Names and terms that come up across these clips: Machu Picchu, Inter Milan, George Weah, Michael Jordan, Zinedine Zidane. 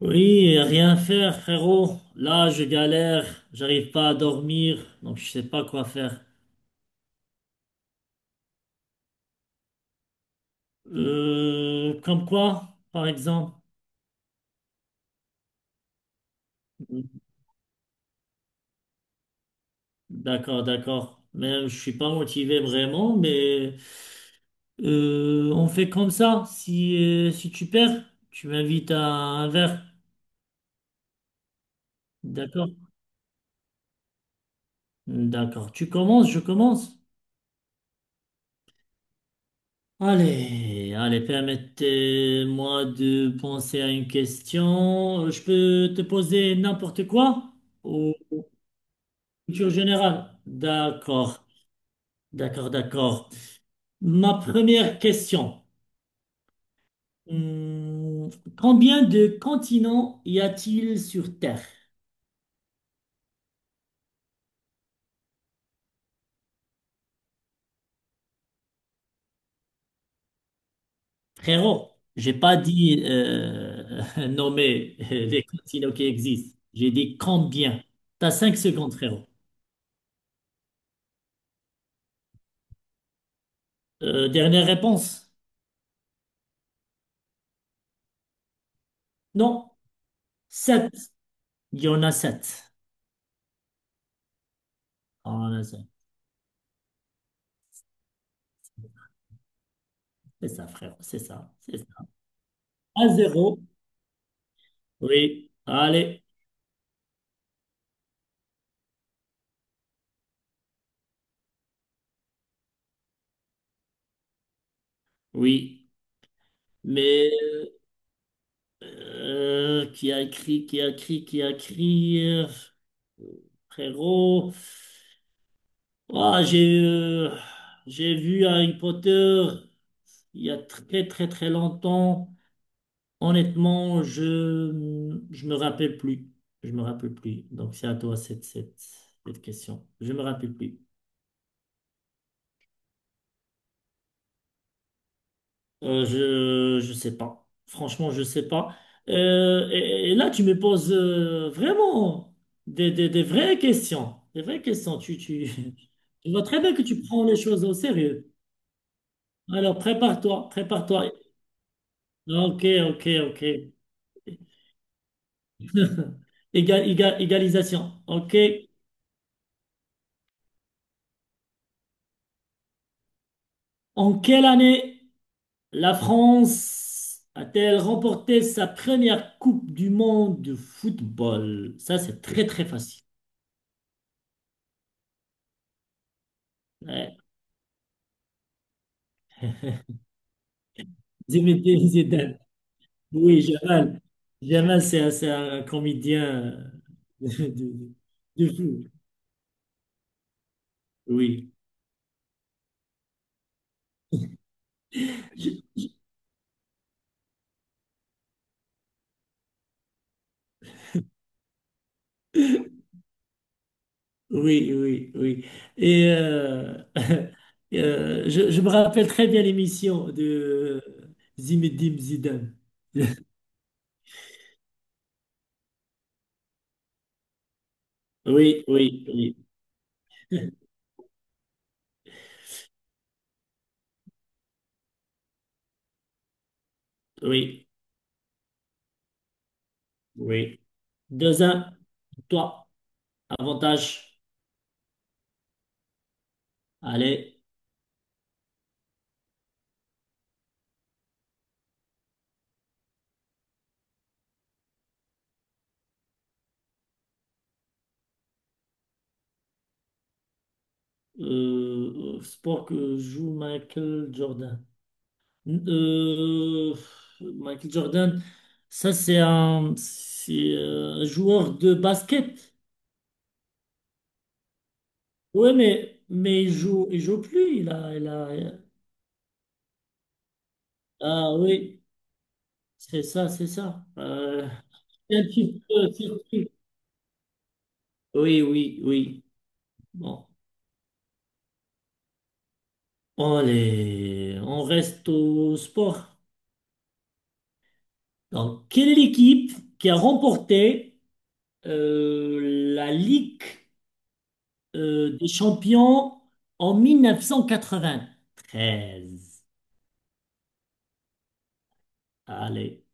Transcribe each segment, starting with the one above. Oui, rien faire, frérot. Là, je galère, j'arrive pas à dormir, donc je sais pas quoi faire. Comme quoi, par exemple? D'accord, d'accord. Mais je suis pas motivé vraiment, mais on fait comme ça. Si tu perds, tu m'invites à un verre. D'accord? D'accord. Tu commences, je commence. Allez, allez, permettez-moi de penser à une question. Je peux te poser n'importe quoi ou culture générale? D'accord, d'accord, d'accord. Ma première question. Hum, Combien de continents y a-t-il sur Terre? Frérot, j'ai pas dit nommer les continents qui existent. J'ai dit combien. T'as 5 secondes, frérot. Dernière réponse? Non. Sept. Il y en a sept. On en a sept. C'est ça, frère. C'est ça. C'est ça. À zéro. Oui. Allez. Oui. Mais qui a écrit, qui a écrit, qui a écrit, frérot. Ah, j'ai vu Harry Potter il y a très très très longtemps. Honnêtement, je me rappelle plus. Je me rappelle plus. Donc c'est à toi cette question. Je me rappelle plus. Je sais pas. Franchement, je sais pas. Et là, tu me poses vraiment des vraies questions. Des vraies questions. Je vois très bien que tu prends les choses au sérieux. Alors, prépare-toi, prépare-toi. Ok, ok, ok. Égalisation. Ok. En quelle année la France a-t-elle remporté sa première Coupe du monde de football? Ça, c'est très, très facile. Ouais. Zinedine Zidane. Oui, Jamal. Jamal, c'est un comédien de, de fou. Oui. Je- oui, oui, oui. Et je me rappelle très bien l'émission de Zimedim Zidane. Oui, oui, oui, oui, oui. 2-1, toi, avantage. Allez, sport que joue Michael Jordan. Euh, Michael Jordan, ça c'est un joueur de basket. Oui, mais il joue plus. Ah oui, c'est ça, c'est ça. C'est un petit peu surpris. Oui, oui, oui. Bon. Allez, on reste au sport. Donc, quelle est l'équipe qui a remporté euh, la Ligue des champions en 1993. Allez,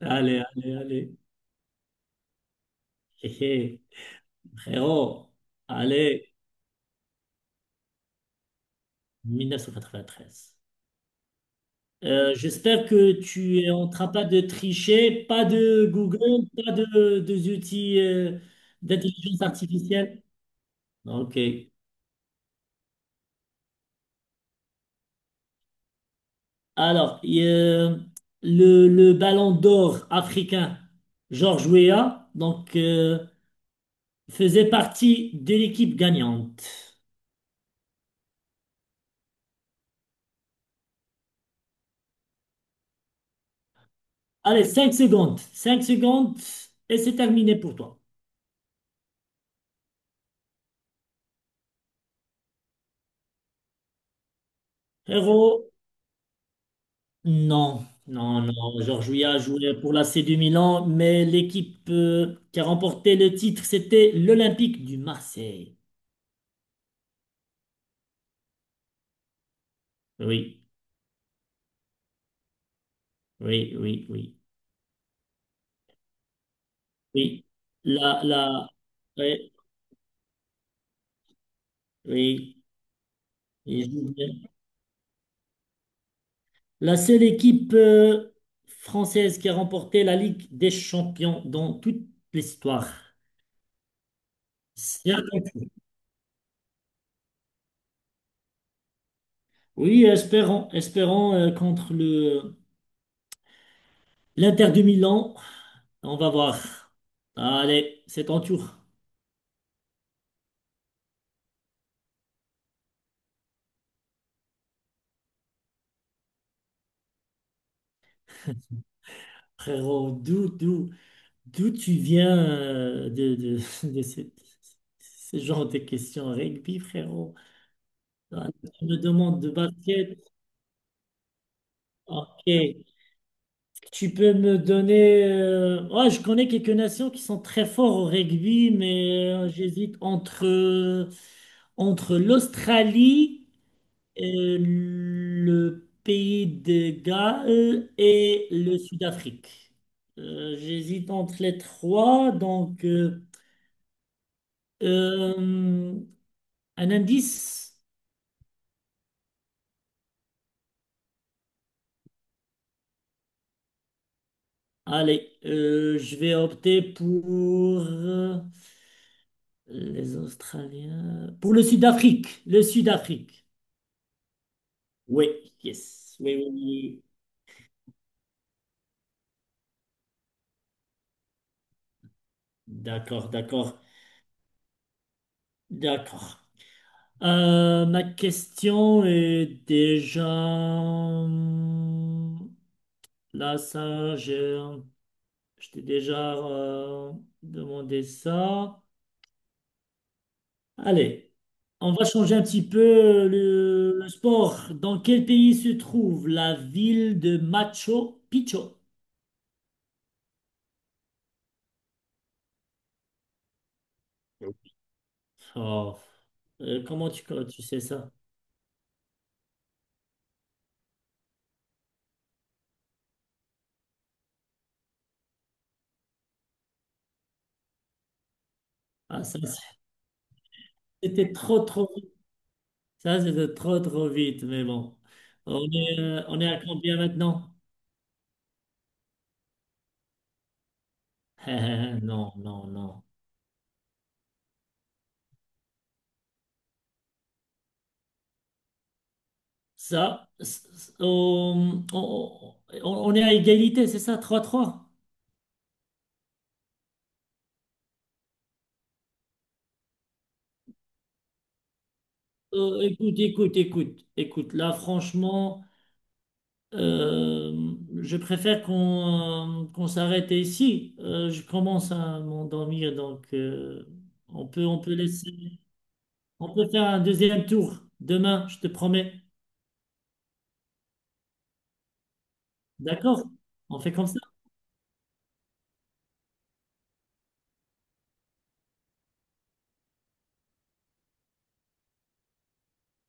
allez, allez, allez. Hé, hé, frérot, allez, 1993. J'espère que tu es en train pas de tricher, pas de Google, pas de, des outils d'intelligence artificielle. Ok. Alors, et, le ballon d'or africain, George Weah, donc faisait partie de l'équipe gagnante. Allez, 5 secondes. 5 secondes et c'est terminé pour toi. Héros, non. Non, non. Georges Weah a joué pour l'AC du Milan, mais l'équipe qui a remporté le titre, c'était l'Olympique du Marseille. Oui, oui, oui, oui. Oui. La, oui, oui. Et je vous dis, la seule équipe française qui a remporté la Ligue des Champions dans toute l'histoire. Oui, espérons, espérons contre le l'Inter de Milan. On va voir. Allez, c'est ton tour. Frérot, d'où tu viens de ce genre de questions rugby, frérot? Ah, tu me demandes de basket. Ok. Tu peux me donner, ouais, je connais quelques nations qui sont très forts au rugby, mais j'hésite entre l'Australie. Le pays de Galles et le Sud-Afrique. J'hésite entre les trois, donc euh, un indice. Allez, je vais opter pour euh, les Australiens, pour le Sud-Afrique, le Sud-Afrique. Oui, yes, oui, oui, oui. D'accord, d'accord, d'accord. Ma question est déjà. Là, ça, je t'ai déjà demandé ça. Allez, on va changer un petit peu le sport. Dans quel pays se trouve la ville de Machu Picchu? Oh, comment tu sais ça? Ah, ça, c'était trop, trop vite. Ça, c'était trop, trop vite, mais bon. On est à combien maintenant? Non, non, non. Ça, c- c- on est à égalité, c'est ça, 3-3. Écoute, écoute, écoute, écoute. Là, franchement, euh, je préfère qu'on s'arrête ici. Je commence à m'endormir, donc on peut laisser, on peut faire un deuxième tour demain, je te promets. D'accord? On fait comme ça.